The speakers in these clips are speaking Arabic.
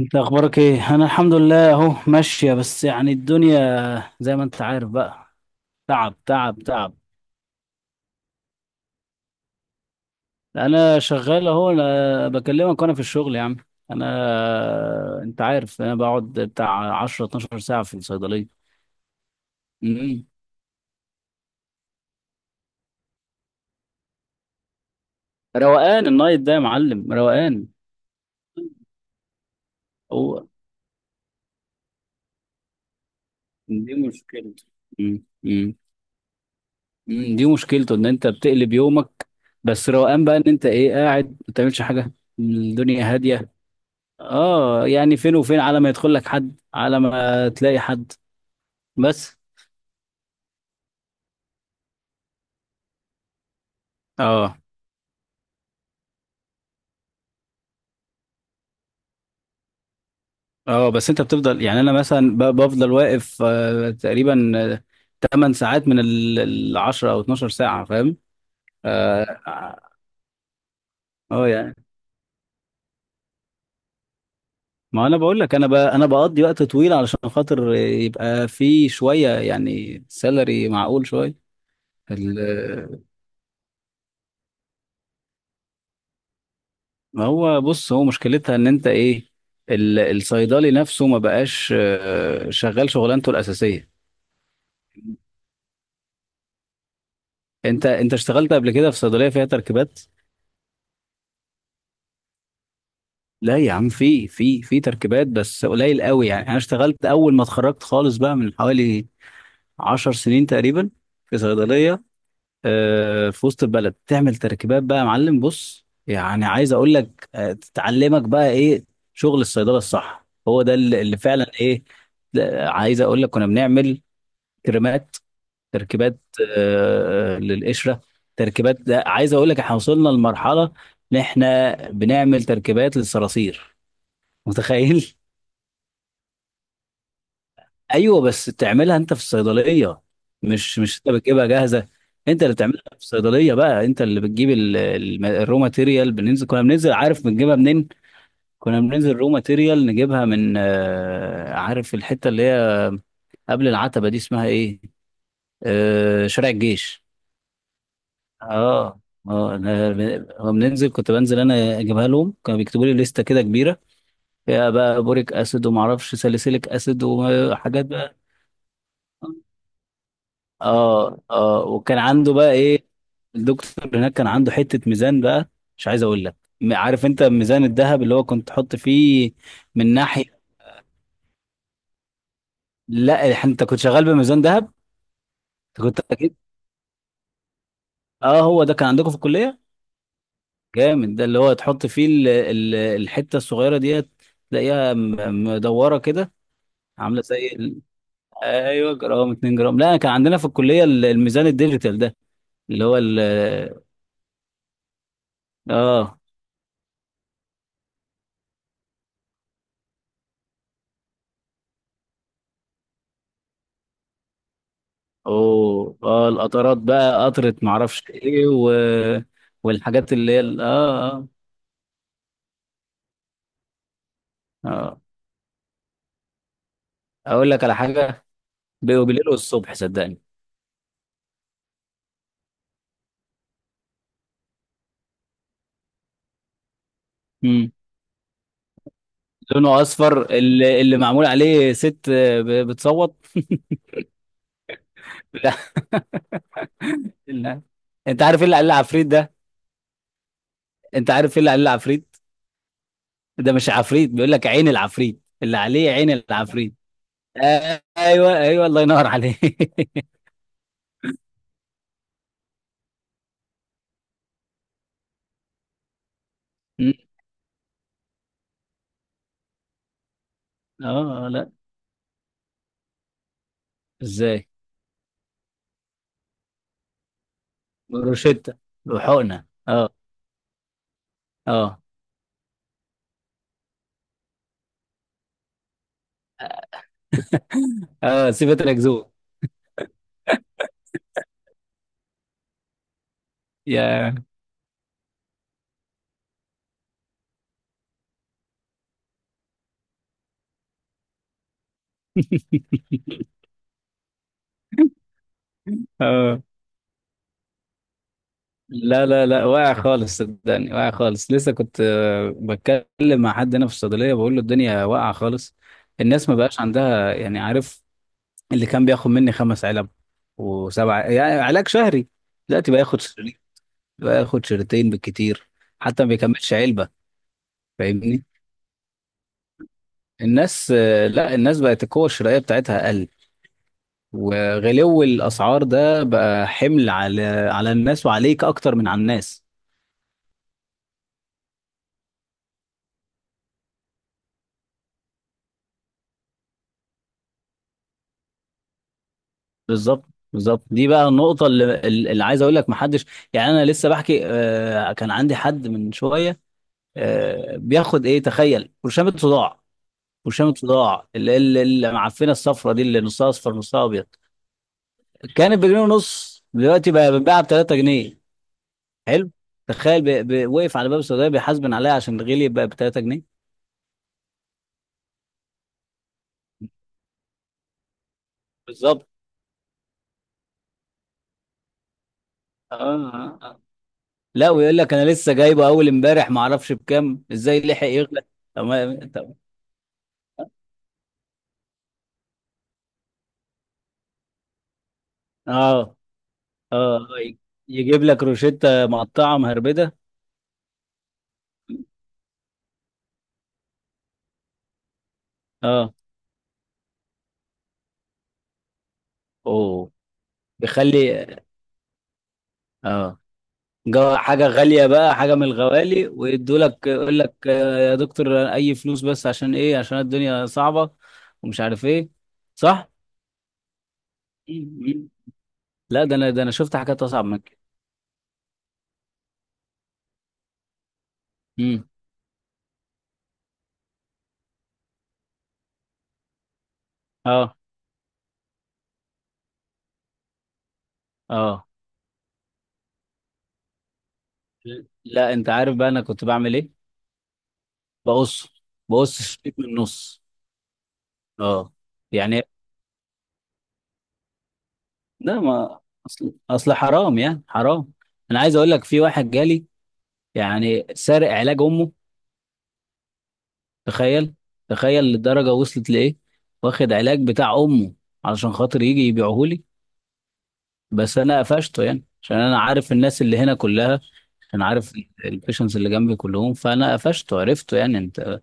انت اخبارك ايه؟ انا الحمد لله اهو ماشيه، بس يعني الدنيا زي ما انت عارف بقى. تعب تعب تعب. انا شغال اهو، انا بكلمك وانا في الشغل يا عم. انت عارف، انا بقعد بتاع 10 12 ساعه في الصيدليه. امم. روقان النايت ده يا معلم، روقان. هو دي مشكلته. امم امم. دي مشكلته ان انت بتقلب يومك. بس روقان بقى، ان انت ايه، قاعد ما بتعملش حاجه. الدنيا هاديه. اه يعني فين وفين على ما يدخل لك حد، على ما تلاقي حد، بس. اه اه. بس انت بتفضل يعني، انا مثلا بفضل واقف تقريبا، 8 ساعات من ال 10 او 12 ساعة، فاهم؟ اه اه. يعني ما انا بقول لك، انا بقضي وقت طويل علشان خاطر يبقى في شوية يعني سالري معقول شوية. ال- ما هو بص، هو مشكلتها ان انت ايه، الصيدلي نفسه ما بقاش شغال شغلانته الأساسية. انت اشتغلت قبل كده في صيدليه فيها تركيبات؟ لا يا عم، في تركيبات، بس قليل قوي يعني. انا اشتغلت اول ما اتخرجت خالص بقى، من حوالي 10 سنين تقريبا، في صيدليه في وسط البلد، تعمل تركيبات بقى يا معلم. بص يعني، عايز اقول لك تتعلمك بقى ايه شغل الصيدله الصح. هو ده اللي فعلا ايه. لا، عايز اقول لك، كنا بنعمل كريمات، تركيبات للقشره. تركيبات، ده عايز اقول لك احنا وصلنا لمرحله ان احنا بنعمل تركيبات للصراصير. متخيل؟ ايوه، بس تعملها انت في الصيدليه، مش انت بتجيبها جاهزه. انت اللي بتعملها في الصيدليه بقى. انت اللي بتجيب الرو ماتيريال. كنا بننزل، عارف بنجيبها منين؟ كنا بننزل رو ماتيريال، نجيبها من عارف الحته اللي هي قبل العتبه دي، اسمها ايه، شارع الجيش. اه اه. انا لما بننزل، كنت بنزل انا اجيبها لهم. كانوا بيكتبوا لي لستة كده كبيرة، فيها بقى بوريك اسيد، وما اعرفش ساليسيليك اسيد، وحاجات بقى. اه اه. وكان عنده بقى ايه، الدكتور هناك، كان عنده حتة ميزان بقى، مش عايز اقول لك. عارف انت ميزان الذهب، اللي هو كنت تحط فيه من ناحية؟ لا، انت كنت شغال بميزان ذهب؟ انت كنت اكيد، اه، هو ده كان عندكم في الكلية. جامد، ده اللي هو تحط فيه الحتة الصغيرة ديت، تلاقيها مدورة كده، عامله زي ايوه، جرام، 2 جرام. لا، كان عندنا في الكليه الميزان الديجيتال ده، اللي هو اه. اوه، اه، القطرات بقى، قطره معرفش ايه و... والحاجات اللي هي اه، اقول لك على حاجه، بيبقوا بالليل والصبح، صدقني. امم. لونه اصفر، اللي معمول عليه ست بتصوت. لا. لا، انت عارف ايه اللي عليه العفريت ده؟ انت عارف ايه اللي عليه العفريت؟ ده مش عفريت، بيقول لك عين العفريت، اللي عليه عين العفريت. ايوه ايوه، الله ينور عليك. م. اه، لا، ازاي؟ بروشيتا، وحقنه، اه. اه اه، سيبت الاكذوب. يا. اه لا لا لا، واقع خالص صدقني، واقع خالص. لسه كنت بتكلم مع حد هنا في الصيدليه، بقول له الدنيا واقعه خالص. الناس ما بقاش عندها، يعني عارف، اللي كان بياخد مني 5 علب و7، يعني علاج شهري، دلوقتي بقى ياخد شريط، بقى ياخد شريطين بالكتير، حتى ما بيكملش علبه. فاهمني؟ الناس آه، لا الناس بقت القوة الشرائية بتاعتها أقل، وغلو الأسعار ده بقى حمل على الناس وعليك، أكتر من على الناس. بالظبط، بالظبط، دي بقى النقطة اللي عايز أقول لك محدش، يعني. أنا لسه بحكي، كان عندي حد من شوية، بياخد إيه، تخيل، برشامة صداع. برشامة صداع اللي معفنة الصفرة دي، اللي نصها أصفر نصها أبيض، كانت بجنيه ونص، دلوقتي بقى بتتباع ب 3 جنيه. حلو. تخيل، وقف على باب السعوديه بيحاسبن عليها عشان الغلي، بقى ب 3 جنيه. بالظبط، اه. آه، آه. لا، ويقول لك انا لسه جايبه اول امبارح، ما اعرفش بكام، ازاي لحق يغلى؟ طب ما- طب. اه اه. يجيب لك روشته مقطعه مهربده. اه. اوه، بيخلي. اه، جو حاجه غاليه بقى، حاجه من الغوالي، ويدوا لك، يقول لك يا دكتور، اي فلوس بس، عشان ايه، عشان الدنيا صعبه، ومش عارف ايه. صح. لا، ده انا شفت حاجات اصعب من كده. امم. اه اه. لا انت عارف بقى انا كنت بعمل ايه؟ بقص بقص الشريط من النص. اه. يعني لا، ما... اصل حرام يعني، حرام. انا عايز اقول لك، في واحد جالي، يعني سارق علاج امه. تخيل. تخيل للدرجه وصلت لايه، واخد علاج بتاع امه علشان خاطر يجي يبيعه لي. بس انا قفشته يعني، عشان انا عارف الناس اللي هنا كلها، انا عارف البيشنس اللي جنبي كلهم، فانا قفشته، عرفته، يعني انت.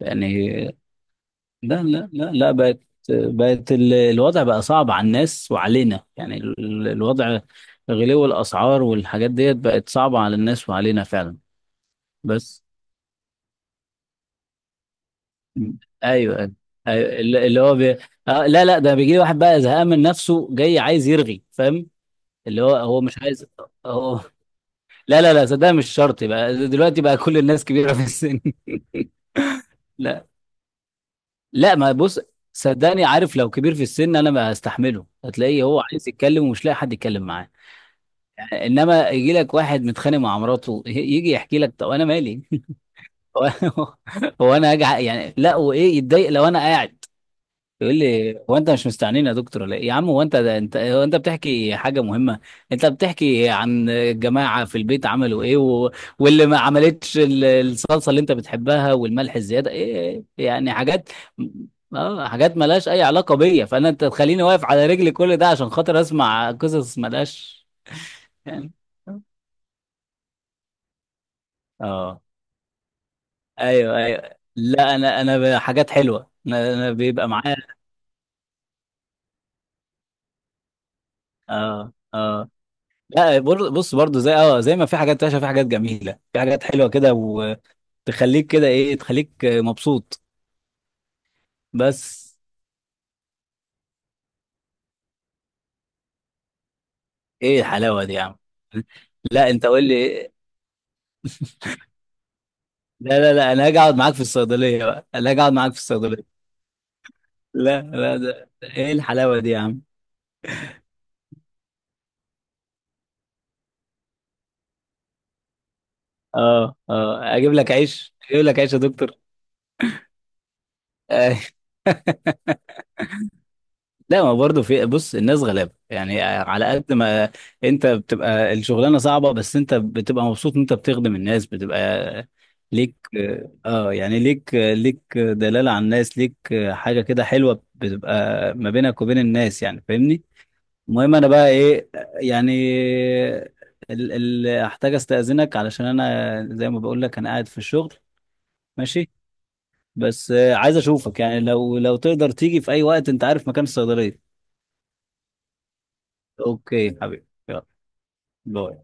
يعني لا لا لا لا، بقت الوضع بقى صعب على الناس وعلينا، يعني الوضع. غلو الأسعار والحاجات ديت بقت صعبة على الناس وعلينا فعلا. بس. م. ايوه ايوه، اللي هو لا لا، ده بيجي لي واحد بقى زهقان من نفسه، جاي عايز يرغي، فاهم؟ اللي هو مش عايز، هو. لا لا لا، صدق، مش شرط بقى دلوقتي بقى كل الناس كبيرة في السن. لا. لا، ما، بص، صدقني. عارف لو كبير في السن انا ما هستحمله، هتلاقيه هو عايز يتكلم ومش لاقي حد يتكلم معاه. يعني، انما يجي لك واحد متخانق مع مراته، يجي يحكي لك، طب انا مالي؟ هو. هو انا هاجي يعني، لا، وايه، يتضايق لو انا قاعد؟ يقول لي هو انت مش مستعنين يا دكتور ولا ايه يا عم، هو انت بتحكي حاجه مهمه. انت بتحكي عن الجماعه في البيت عملوا ايه، و... واللي ما عملتش الصلصه اللي انت بتحبها، والملح الزياده، ايه إيه؟ يعني حاجات، اه، حاجات ملهاش اي علاقه بيا، فانا، انت تخليني واقف على رجلي كل ده عشان خاطر اسمع قصص ملهاش، يعني. اه ايوه ايوه، لا، انا حاجات حلوه، انا بيبقى معايا. اه اه. لا، بص، برضو زي، زي ما في حاجات وحشه، في حاجات جميله، في حاجات حلوه كده، وتخليك كده ايه، تخليك مبسوط. بس ايه الحلاوه دي يا عم؟ لا، انت قول لي إيه؟ لا لا لا، انا هاجي اقعد معاك في الصيدليه بقى، انا هاجي اقعد معاك في الصيدليه. لا لا، ده ايه الحلاوه دي يا عم؟ اه اه، اجيب لك عيش، اجيب لك عيش يا دكتور. لا، ما برضه في، بص، الناس غلابه يعني، على قد ما انت بتبقى الشغلانه صعبه، بس انت بتبقى مبسوط ان انت بتخدم الناس، بتبقى ليك، اه يعني، ليك ليك دلاله على الناس، ليك حاجه كده حلوه بتبقى ما بينك وبين الناس، يعني، فاهمني؟ المهم، انا بقى ايه يعني، ال ال احتاج استاذنك، علشان انا زي ما بقول لك انا قاعد في الشغل. ماشي. بس عايز اشوفك يعني، لو تقدر تيجي في اي وقت، انت عارف مكان الصيدليه. اوكي حبيبي يلا. باي.